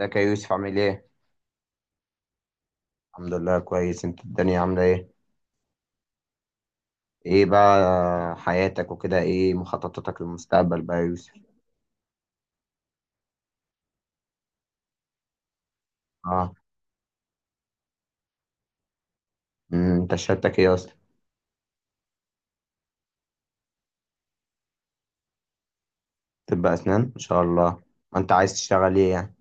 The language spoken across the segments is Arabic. ازيك يا يوسف عامل ايه؟ الحمد لله كويس، انت الدنيا عاملة ايه؟ ايه بقى حياتك وكده، ايه مخططاتك للمستقبل بقى يا يوسف؟ اه. انت شهادتك ايه اصلا؟ طب اسنان؟ ان شاء الله. ما انت عايز تشتغل ايه يعني؟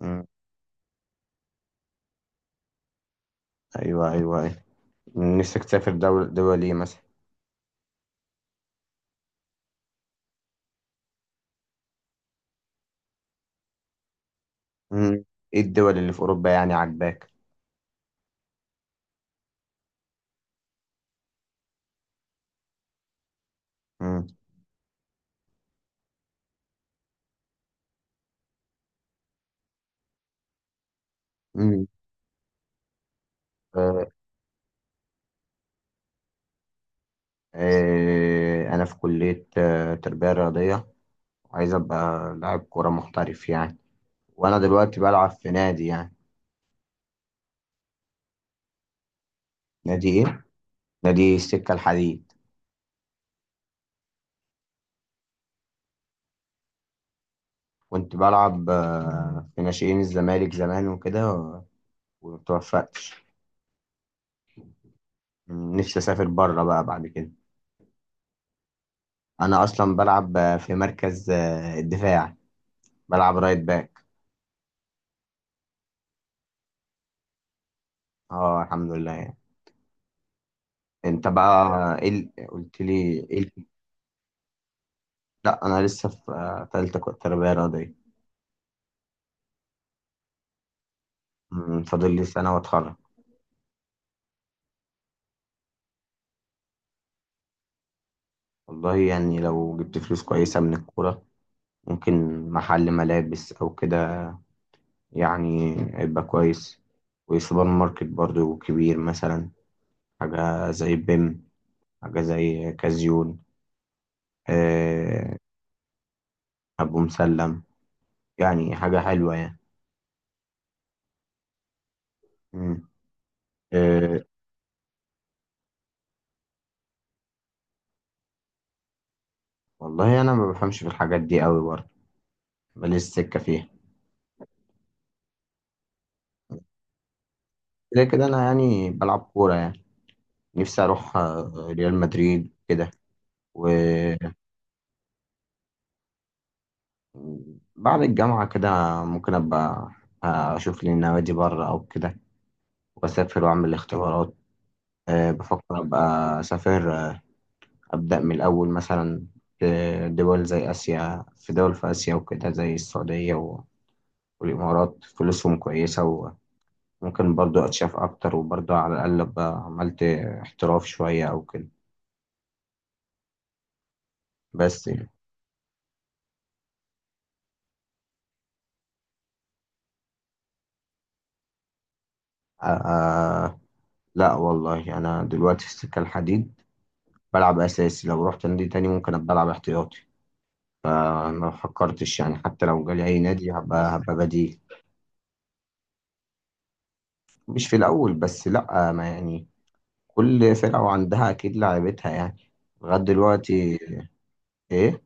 امم، ايوه ايوه ايوه. نفسك تسافر دول ايه مثلا؟ امم، ايه الدول اللي في اوروبا يعني عاجباك؟ امم، امم، اه، اه، انا في كلية تربية رياضية. عايز ابقى لاعب كورة محترف يعني، وانا دلوقتي بلعب في نادي يعني. نادي ايه؟ نادي السكة الحديد. كنت بلعب في ناشئين الزمالك زمان وكده ومتوفقتش. نفسي أسافر بره بقى بعد كده. أنا أصلا بلعب في مركز الدفاع، بلعب رايت باك. اه الحمد لله يعني. انت بقى قلت لي ايه ال- لا انا لسه في تالتة تربية رياضية. فاضل لي سنة واتخرج. والله يعني لو جبت فلوس كويسة من الكورة، ممكن محل ملابس أو كده، يعني هيبقى كويس. وسوبر ماركت برضو كبير مثلا، حاجة زي بيم، حاجة زي كازيون، آه، أبو مسلم، يعني حاجة حلوة يعني. مم. آه، والله أنا ما بفهمش في الحاجات دي قوي برضو، ماليش سكة فيها. كده كده أنا يعني بلعب كورة يعني. نفسي أروح ريال مدريد كده. وبعد الجامعة كده ممكن أبقى أشوف لي نوادي بره أو كده، وأسافر وأعمل اختبارات. بفكر أبقى أسافر، أبدأ من الأول مثلا، في دول زي آسيا. في دول في آسيا وكده زي السعودية والإمارات فلوسهم كويسة، وممكن برضو أتشاف أكتر، وبرضو على الأقل أبقى عملت احتراف شوية أو كده بس يعني. آه آه، لا والله أنا دلوقتي في السكة الحديد، بلعب أساسي. لو رحت نادي تاني ممكن أبقى ألعب احتياطي. ما فكرتش يعني، حتى لو جالي أي نادي هبقى بديل. مش في الأول بس لأ، آه، ما يعني كل فرقة وعندها أكيد لعيبتها يعني، لغاية دلوقتي. إيه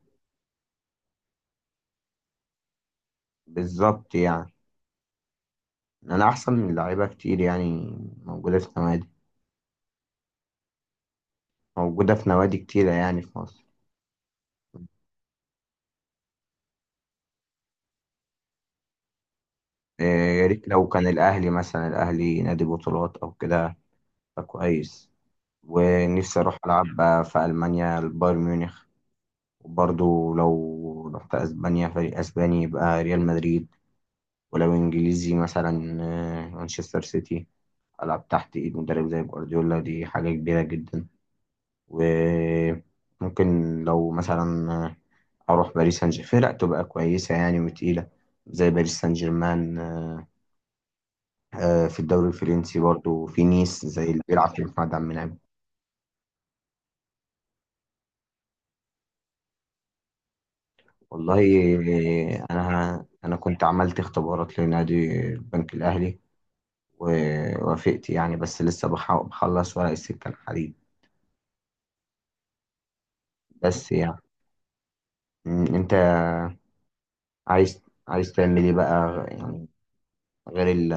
بالظبط يعني. أنا أحسن من لعيبة كتير يعني، موجودة في نوادي، موجودة في نوادي كتيرة يعني في مصر. إيه، يا ريت لو كان الأهلي مثلا، الأهلي نادي بطولات أو كده فكويس. ونفسي أروح ألعب بقى في ألمانيا البايرن ميونخ. وبرضه لو رحت أسبانيا فريق أسباني يبقى ريال مدريد، ولو إنجليزي مثلا مانشستر سيتي. ألعب تحت إيد مدرب زي جوارديولا دي حاجة كبيرة جدا. وممكن لو مثلا أروح باريس سان جيرمان، فرق تبقى كويسة يعني وتقيلة زي باريس سان جيرمان. في الدوري الفرنسي برضو في نيس زي اللي بيلعب في محمد عبد المنعم. والله أنا كنت عملت اختبارات لنادي البنك الأهلي ووافقت يعني، بس لسه بخلص ورق السكة الحديد بس يعني. أنت عايز، تعمل إيه بقى يعني غير ال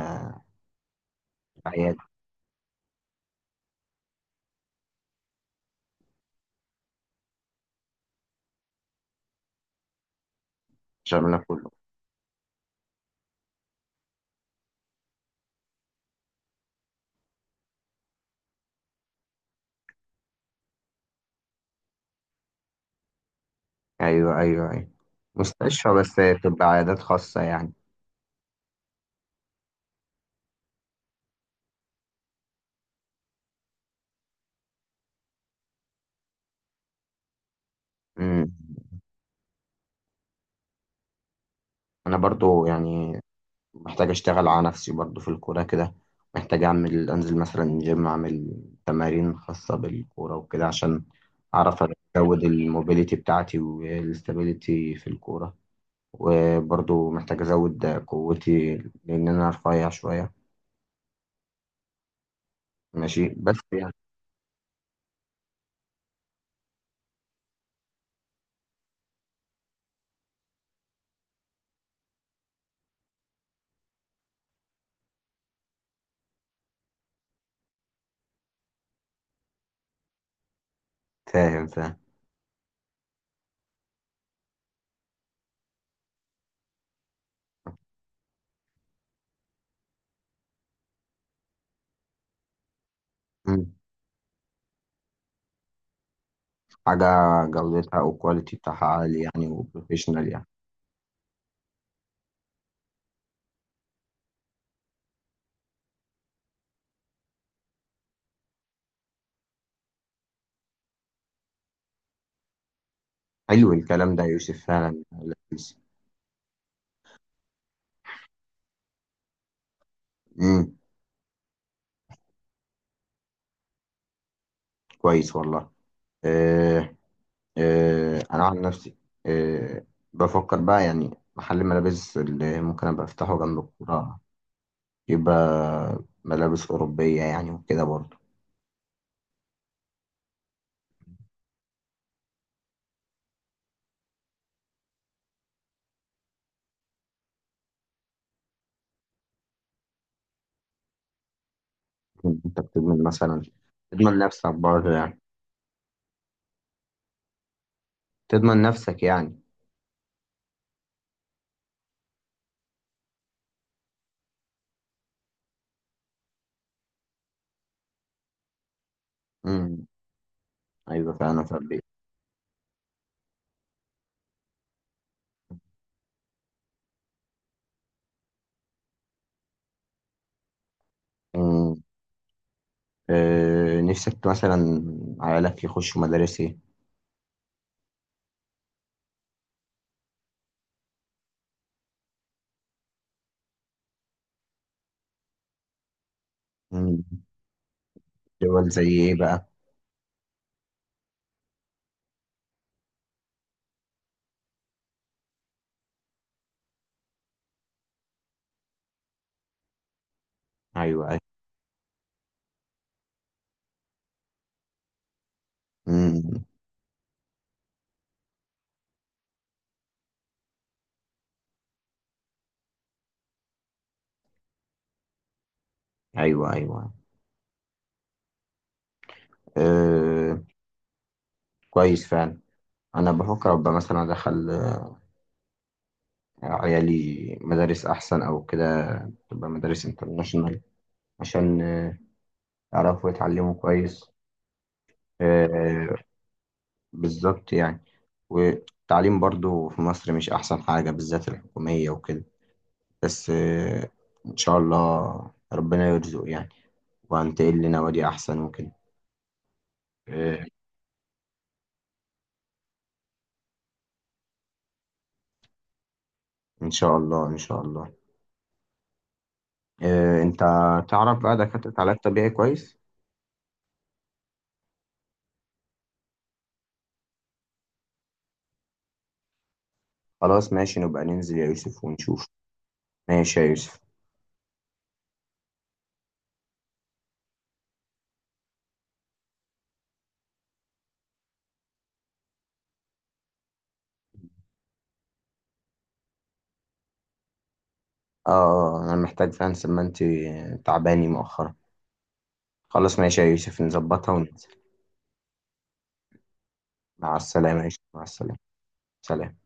عيادة؟ شاملة كله. أيوه أيوه أيوه. مستشفى بس تبقى عيادات خاصة يعني. أمم. أنا برضو يعني محتاج أشتغل على نفسي برضو في الكورة كده. محتاج أعمل، أنزل مثلا جيم، أعمل تمارين خاصة بالكورة وكده، عشان أعرف أزود الموبيليتي بتاعتي والاستابيليتي في الكورة. وبرضو محتاج أزود قوتي لأن أنا رفيع شوية. ماشي بس يعني. فاهم فاهم. حاجة جودتها أو كواليتي بتاعها عالي يعني، وبروفيشنال يعني. حلو الكلام ده يا يوسف، فعلا لذيذ. امم. كويس والله. آه. آه أنا عن نفسي، آه بفكر بقى يعني محل ملابس اللي ممكن أبقى أفتحه جنب الكورة. يبقى ملابس أوروبية يعني وكده برضه. أنت بتضمن مثلا، تضمن نفسك برضه يعني، تضمن نفسك يعني. امم. أيوه فعلا فعلا. مم. نفسك مثلا عيالك يخشوا مدارس ايه؟ مم. دول زي ايه بقى؟ ايوه ايوه. مم. ايوه ايوه. أه كويس فعلا. انا بفكر ابقى مثلا ادخل عيالي مدارس احسن او كده، تبقى مدارس انترناشونال، عشان يعرفوا يتعلموا كويس. أه بالظبط يعني. والتعليم برضو في مصر مش احسن حاجة، بالذات الحكومية وكده. بس ان شاء الله ربنا يرزق يعني، وهنتقل لنوادي احسن وكده. إيه، ان شاء الله ان شاء الله. إيه، انت تعرف بقى دكاترة علاج طبيعي كويس؟ خلاص ماشي، نبقى ننزل يا يوسف ونشوف. ماشي يا يوسف. اه انا محتاج فعلا، ما انت تعباني مؤخرا. خلاص ماشي يا يوسف، نظبطها وننزل. مع السلامة يا يوسف، مع السلامة. سلام.